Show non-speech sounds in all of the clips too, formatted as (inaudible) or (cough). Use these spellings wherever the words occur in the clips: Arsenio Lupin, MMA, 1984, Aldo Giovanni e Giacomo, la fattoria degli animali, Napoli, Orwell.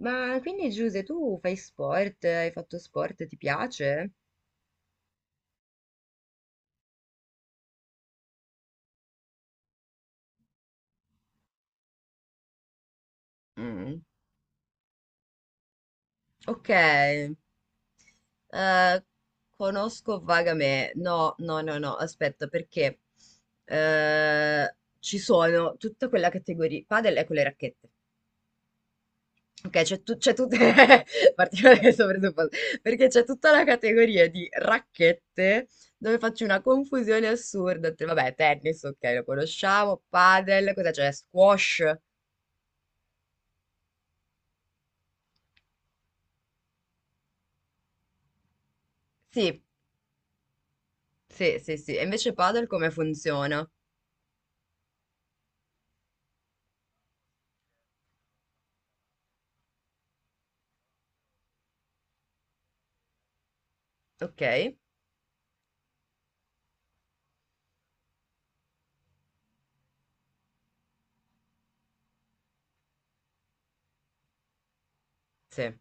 Ma quindi Giuse, tu fai sport? Hai fatto sport? Ti piace? Mm. Ok, conosco vagamente. No, no, no, no, aspetta, perché ci sono tutta quella categoria. Padel è con le racchette. Ok, c'è tutta. (laughs) Partiamo da questo presupposto. Perché c'è tutta la categoria di racchette dove faccio una confusione assurda. Vabbè, tennis, ok, lo conosciamo. Padel, cosa c'è? Squash? Sì. Sì, sì, sì. E invece padel come funziona? Ok, sì,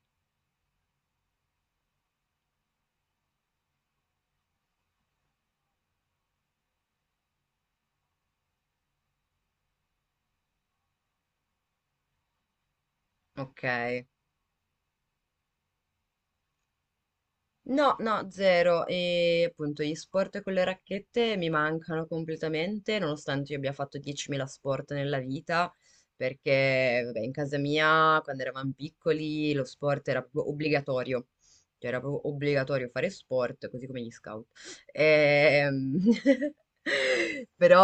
ok. No, no, zero. E appunto gli sport con le racchette mi mancano completamente, nonostante io abbia fatto 10.000 sport nella vita, perché vabbè, in casa mia, quando eravamo piccoli, lo sport era proprio obbligatorio. Cioè, era proprio obbligatorio fare sport, così come gli scout. Ehm, (laughs) Però,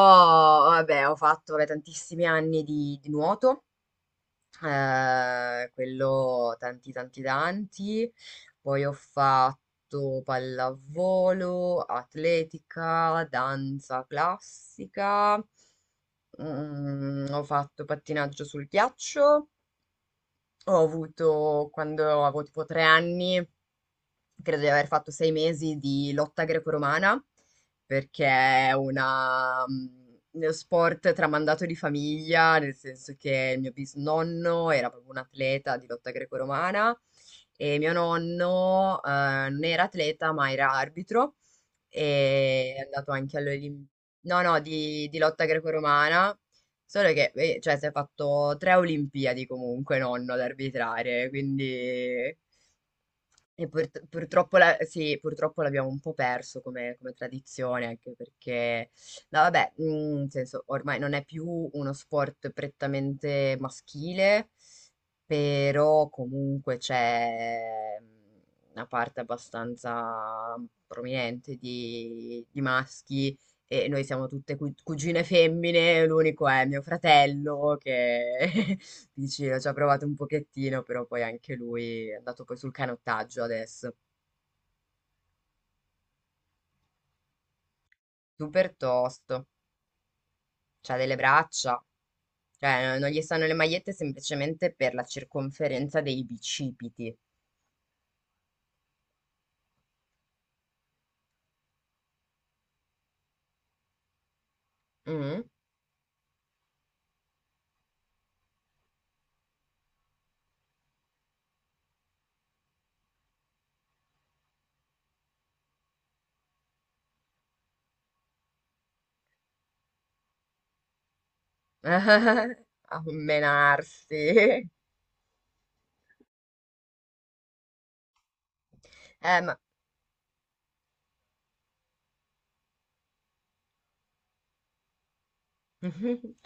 vabbè, ho fatto vabbè, tantissimi anni di nuoto. Quello tanti tanti tanti. Poi ho fatto pallavolo, atletica, danza classica, mm, ho fatto pattinaggio sul ghiaccio. Ho avuto, quando avevo tipo tre anni, credo di aver fatto sei mesi di lotta greco-romana, perché è una, uno sport tramandato di famiglia, nel senso che il mio bisnonno era proprio un atleta di lotta greco-romana e mio nonno non era atleta ma era arbitro e è andato anche alle Olim- No, no, di lotta greco-romana, solo che cioè, si è fatto tre Olimpiadi comunque nonno ad arbitrare, quindi... E purtroppo, sì, purtroppo l'abbiamo un po' perso come, come tradizione, anche perché, no, vabbè, nel senso, ormai non è più uno sport prettamente maschile, però comunque c'è una parte abbastanza prominente di maschi e noi siamo tutte cugine femmine, l'unico è mio fratello che (laughs) vicino ci ha provato un pochettino, però poi anche lui è andato poi sul canottaggio adesso. Super tosto, c'ha delle braccia, cioè non gli stanno le magliette semplicemente per la circonferenza dei bicipiti. Mm. (laughs) A menarsi. (laughs) Ma (laughs)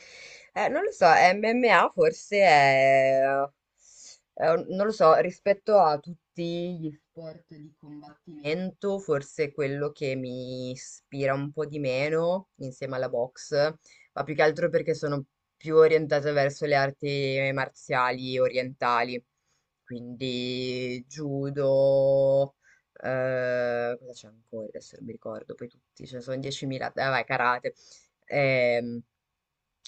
Non lo so, MMA forse è, non lo so, rispetto a tutti gli sport di combattimento, forse quello che mi ispira un po' di meno insieme alla box, ma più che altro perché sono più orientata verso le arti marziali orientali, quindi judo, cosa c'è ancora? Adesso non mi ricordo, poi tutti, ce ne sono 10.000, dai, vai, karate. Ehm,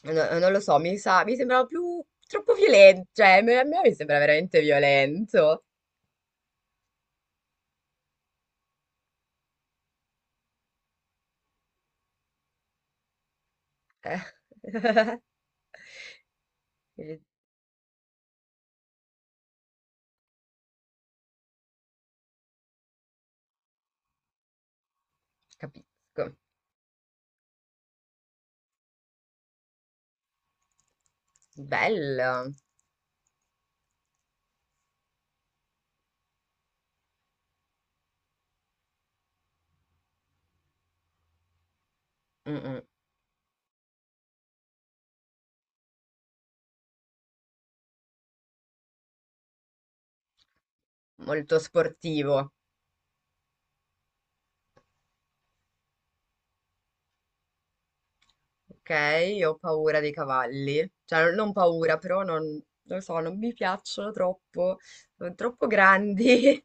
No, non lo so, mi sa, mi sembrava più troppo violento, cioè a me mi sembra veramente violento. Eh. (laughs) Capisco. Bello. Mm, mm. Molto sportivo. Ok, io ho paura dei cavalli. Cioè, non paura, però non lo so, non mi piacciono troppo. Sono troppo grandi.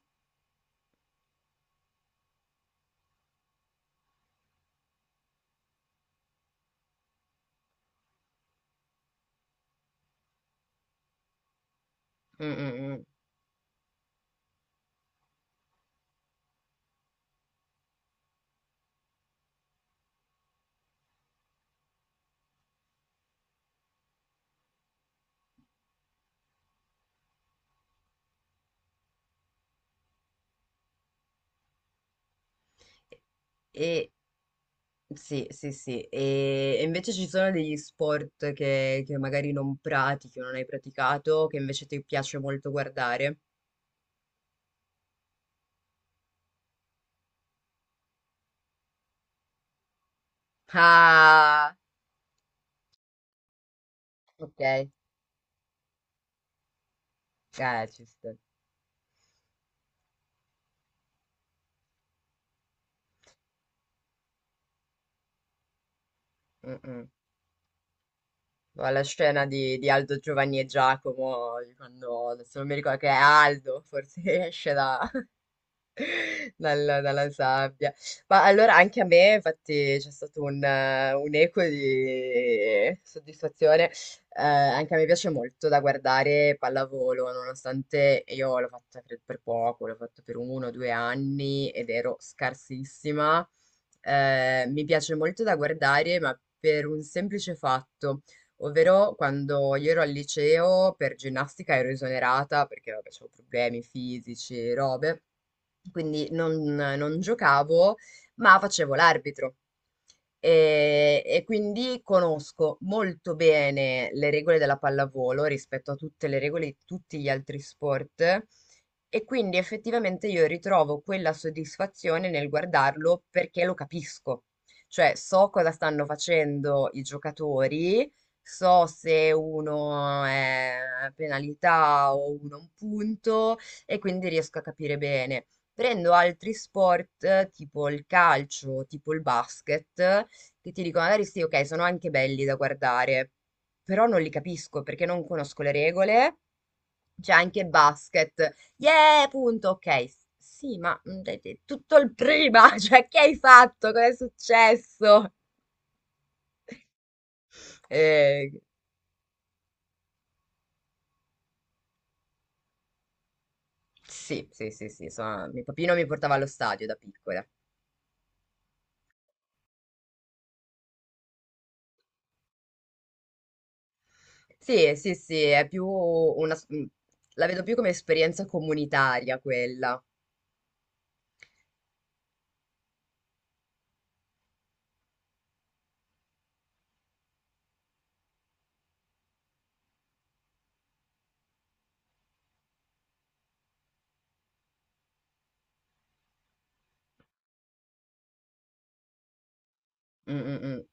(laughs) Mm, mm, mm. E, sì, sì, sì. E invece ci sono degli sport che magari non pratichi o non hai praticato, che invece ti piace molto guardare. Ah, ok. Ci sta. Mm, mm. La scena di Aldo, Giovanni e Giacomo, di quando adesso non mi ricordo che è Aldo, forse (laughs) esce da, dalla, dalla sabbia. Ma allora anche a me, infatti, c'è stato un eco di soddisfazione. Anche a me piace molto da guardare pallavolo, nonostante io l'ho fatta credo, per poco, l'ho fatto per uno o due anni ed ero scarsissima. Mi piace molto da guardare, ma per un semplice fatto. Ovvero quando io ero al liceo per ginnastica ero esonerata perché vabbè, avevo problemi fisici e robe, quindi non giocavo, ma facevo l'arbitro. E quindi conosco molto bene le regole della pallavolo rispetto a tutte le regole di tutti gli altri sport. E quindi effettivamente io ritrovo quella soddisfazione nel guardarlo perché lo capisco. Cioè, so cosa stanno facendo i giocatori. So se uno è penalità o uno un punto e quindi riesco a capire bene. Prendo altri sport tipo il calcio, tipo il basket, che ti dico magari sì, ok, sono anche belli da guardare, però non li capisco perché non conosco le regole. C'è anche basket. Yeah, punto, ok. Sì, ma mm, dai, dai, tutto il prima, (laughs) cioè che hai fatto? Cosa è successo? (laughs) Eh, sì, sì, sì, sì, mio papino mi portava allo stadio da piccola. Sì, sì, sì, è più una... mm, la vedo più come esperienza comunitaria quella. Mh, mh, mh.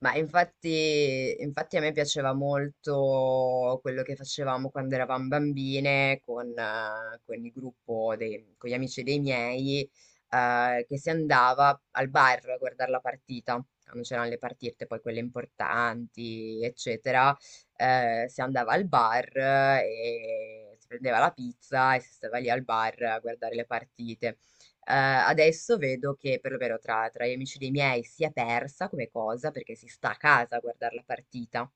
Ma infatti a me piaceva molto quello che facevamo quando eravam bambine con il gruppo dei con gli amici dei miei, che si andava al bar a guardar la partita, quando c'eran le partite, poi quelle importanti, eccetera, si andava al bar e si prendeva la pizza e si stava lì al bar a guardare le partite. Ehm, adesso vedo che perlomeno tra gli amici dei miei si è persa come cosa, perché si sta a casa a guardar la partita.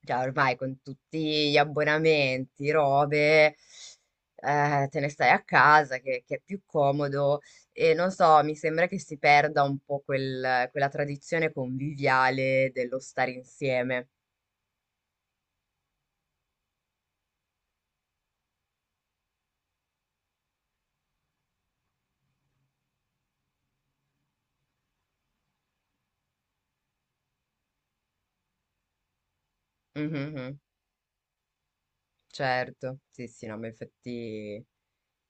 Cioè ormai con tutti gli abbonamenti, robe, te ne stai a casa che è più comodo e non so, mi sembra che si perda un po' quella tradizione conviviale dello stare insieme. Mhm, mhm. Certo, sì, sì, no, ma infatti...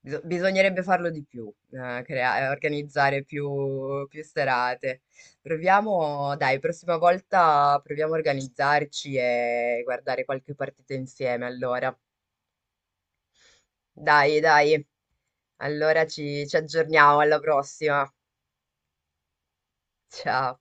Bisognerebbe farlo di più, organizzare più serate. Proviamo, dai, prossima volta proviamo a organizzarci e guardare qualche partita insieme, allora. Dai, dai, allora ci aggiorniamo, alla prossima. Ciao.